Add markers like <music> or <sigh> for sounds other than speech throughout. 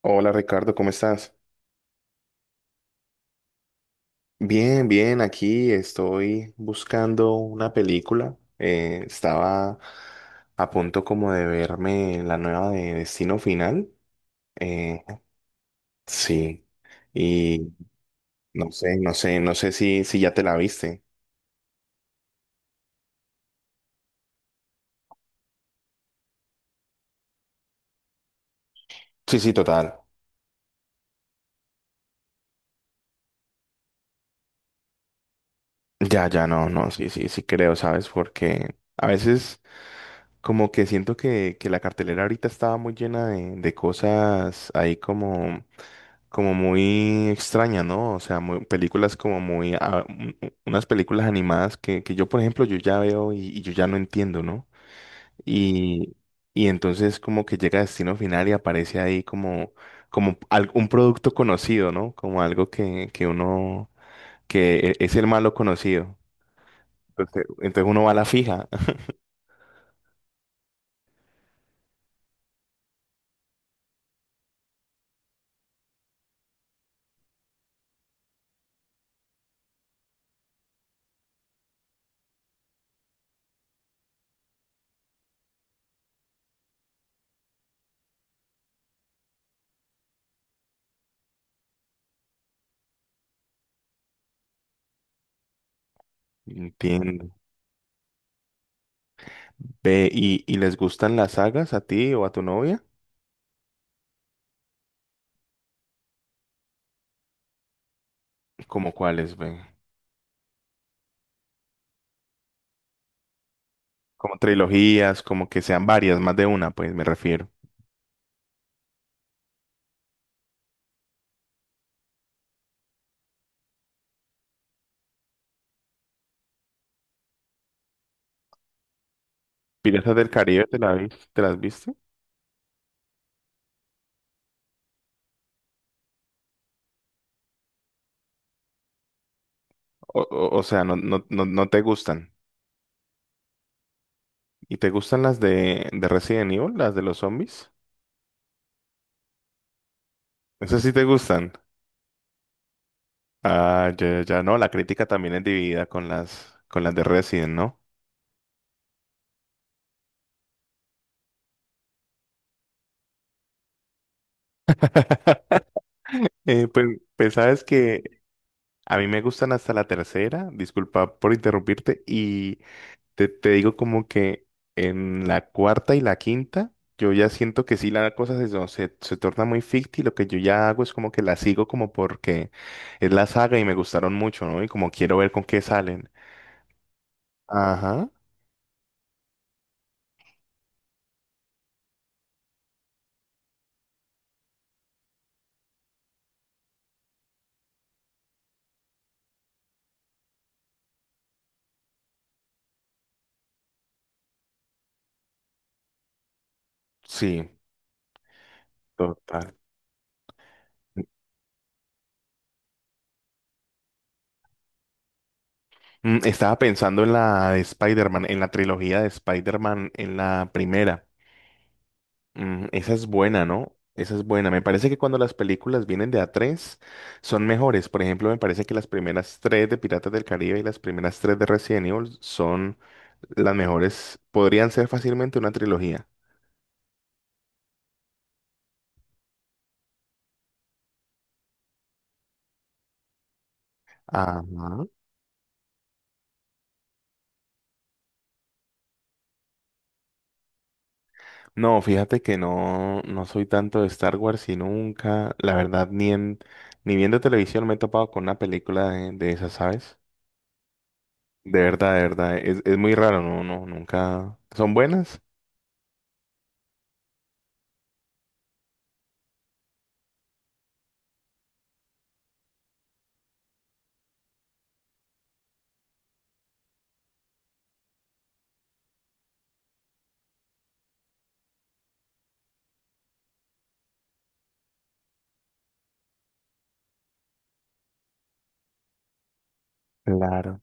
Hola Ricardo, ¿cómo estás? Bien, bien, aquí estoy buscando una película. Estaba a punto como de verme la nueva de Destino Final. Eh, sí, y no sé si, si ya te la viste. Sí, sí, total. Ya, ya, no, no, sí, sí, sí creo, ¿sabes? Porque a veces... Como que siento que la cartelera ahorita estaba muy llena de cosas ahí como, como muy extrañas, ¿no? O sea, películas como muy... unas películas animadas que yo, por ejemplo, yo ya veo y yo ya no entiendo, ¿no? Y, y entonces como que llega a Destino Final y aparece ahí como, un producto conocido, ¿no? Como algo que uno... que es el malo conocido. Entonces uno va a la fija. <laughs> Entiendo. Ve, ¿y les gustan las sagas a ti o a tu novia? ¿Como cuáles, ve? Como trilogías, como que sean varias, más de una, pues me refiero. ¿Piratas del Caribe te las viste? O, o sea, no te gustan. ¿Y te gustan las de Resident Evil, las de los zombies? Esas sí te gustan. Ah, no, la crítica también es dividida con con las de Resident, ¿no? <laughs> Eh, pues, pues sabes que a mí me gustan hasta la tercera, disculpa por interrumpirte, y te digo como que en la cuarta y la quinta, yo ya siento que sí la cosa se, no, se torna muy ficti. Lo que yo ya hago es como que la sigo como porque es la saga y me gustaron mucho, ¿no? Y como quiero ver con qué salen. Ajá, sí, total. Mm, estaba pensando en la de Spider-Man, en la trilogía de Spider-Man, en la primera. Mm, esa es buena, ¿no? Esa es buena. Me parece que cuando las películas vienen de a tres son mejores. Por ejemplo, me parece que las primeras tres de Piratas del Caribe y las primeras tres de Resident Evil son las mejores. Podrían ser fácilmente una trilogía. Ajá. No, fíjate que no, no soy tanto de Star Wars y nunca, la verdad, ni viendo televisión me he topado con una película de esas, ¿sabes? De verdad, de verdad. Es muy raro, nunca. ¿Son buenas? Claro.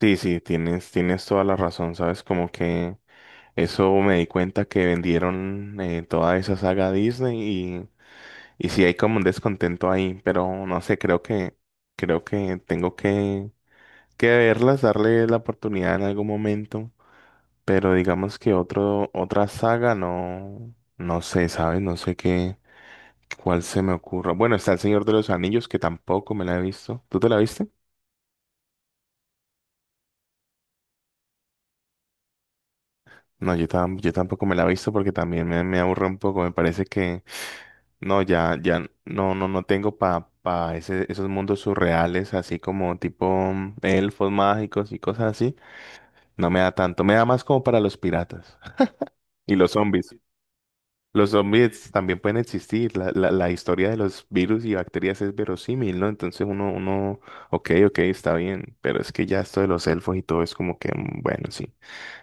Sí, sí, tienes toda la razón, ¿sabes? Como que eso me di cuenta que vendieron toda esa saga a Disney y sí hay como un descontento ahí, pero no sé, creo que tengo que verlas, darle la oportunidad en algún momento, pero digamos que otro, otra saga no, no sé, ¿sabes? No sé qué, cuál se me ocurra. Bueno, está El Señor de los Anillos, que tampoco me la he visto. ¿Tú te la viste? No, yo tampoco me la he visto porque también me aburre un poco. Me parece que no, no tengo pa, pa ese, esos mundos surreales, así como tipo mm, elfos mágicos y cosas así. No me da tanto, me da más como para los piratas <laughs> y los zombies. Los zombies también pueden existir, la historia de los virus y bacterias es verosímil, ¿no? Uno, ok, ok, está bien, pero es que ya esto de los elfos y todo es como que, mm, bueno, sí,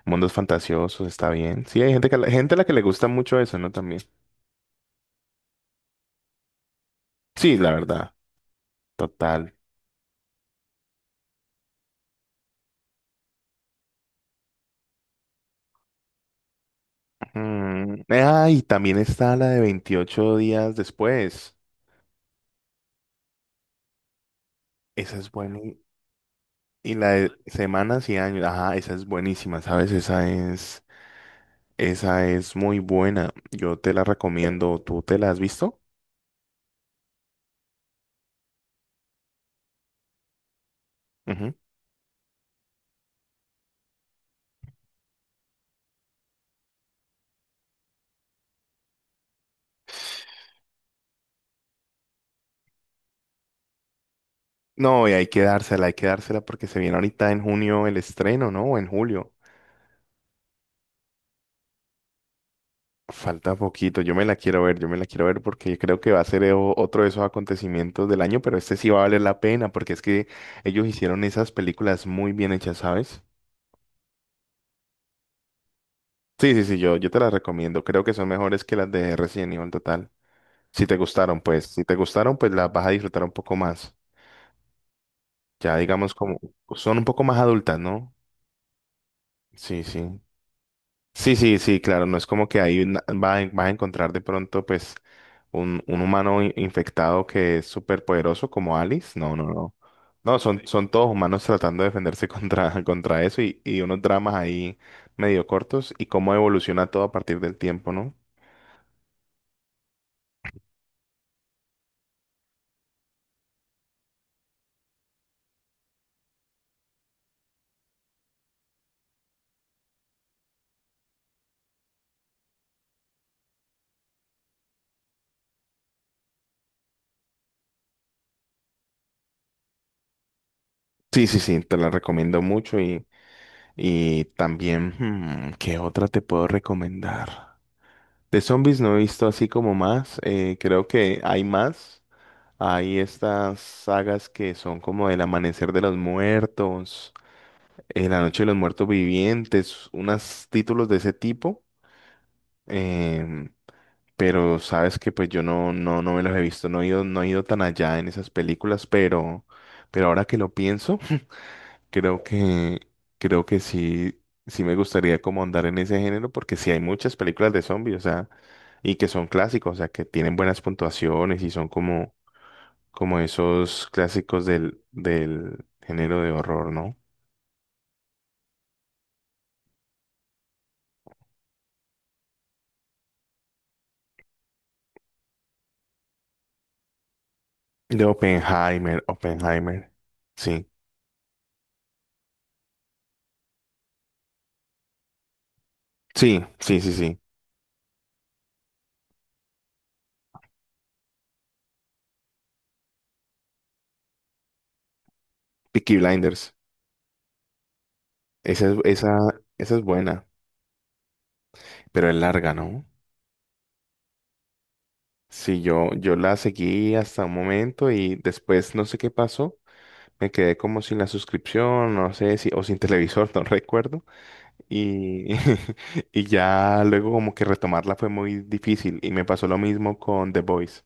mundos fantasiosos, está bien. Sí, hay gente a la que le gusta mucho eso, ¿no? También. Sí, la verdad, total. Mm, ah, y también está la de 28 días después. Esa es buena. Y la de semanas y años. Ajá, esa es buenísima, ¿sabes? Esa es muy buena. Yo te la recomiendo. ¿Tú te la has visto? Ujú. No, y hay que dársela porque se viene ahorita en junio el estreno, ¿no? O en julio. Falta poquito. Yo me la quiero ver porque creo que va a ser otro de esos acontecimientos del año, pero este sí va a valer la pena porque es que ellos hicieron esas películas muy bien hechas, ¿sabes? Sí, sí, sí, yo te las recomiendo. Creo que son mejores que las de Resident Evil Total. Si te gustaron, pues las vas a disfrutar un poco más. Ya digamos como son un poco más adultas, ¿no? Sí, sí. Sí, sí, sí, claro. No es como que ahí vas a encontrar de pronto, pues, un humano infectado que es súper poderoso como Alice. No, no, no. No, son todos humanos <laughs> tratando de defenderse <laughs> contra, contra eso y unos dramas ahí medio cortos y cómo evoluciona todo a partir del tiempo, ¿no? Sí, sí, sí, te la recomiendo mucho y también, hmm, ¿qué otra te puedo recomendar? De zombies no he visto así como más, creo que hay más. Hay estas sagas que son como El Amanecer de los Muertos, La Noche de los Muertos Vivientes, unos títulos de ese tipo. em, pero sabes que pues yo no me los he visto, no he ido tan allá en esas películas, pero ahora que lo pienso. Creo que, creo que sí, sí me gustaría como andar en ese género porque sí hay muchas películas de zombies, o sea, y que son clásicos, o sea, que tienen buenas puntuaciones y son como, como esos clásicos del género de horror, ¿no? De Oppenheimer, Oppenheimer. Sí, sí. Peaky Blinders. Esa es, esa, esa es buena, pero es larga, ¿no? Sí, yo la seguí hasta un momento y después no sé qué pasó. Me quedé como sin la suscripción, no sé si, o sin televisor, <laughs> no recuerdo. Y, <laughs> y ya luego como que retomarla fue muy difícil. Y me pasó lo mismo con The Voice.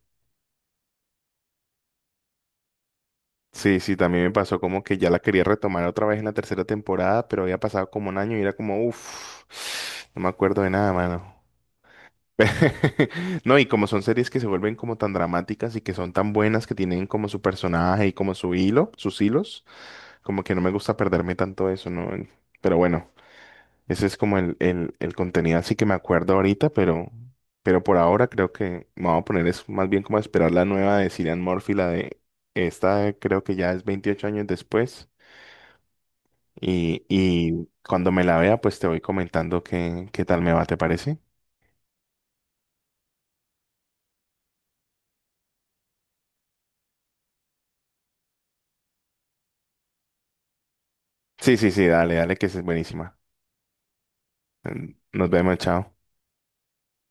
Sí, sí, también me pasó como que ya la quería retomar otra vez en la tercera temporada, pero había pasado como un año y era como, uff, no me acuerdo de nada, mano. <laughs> No, y como son series que se vuelven como tan dramáticas y que son tan buenas que tienen como su personaje y como su hilo, sus hilos, como que no me gusta perderme tanto eso, ¿no? Pero bueno. Ese es como el contenido así que me acuerdo ahorita, pero por ahora creo que me voy a poner es más bien como a esperar la nueva de Cillian Murphy, la de esta creo que ya es 28 años después. Y cuando me la vea, pues te voy comentando qué, qué tal me va, ¿te parece? Sí, sí, sí, dale, dale, que es buenísima. Mm, nos vemos, chao.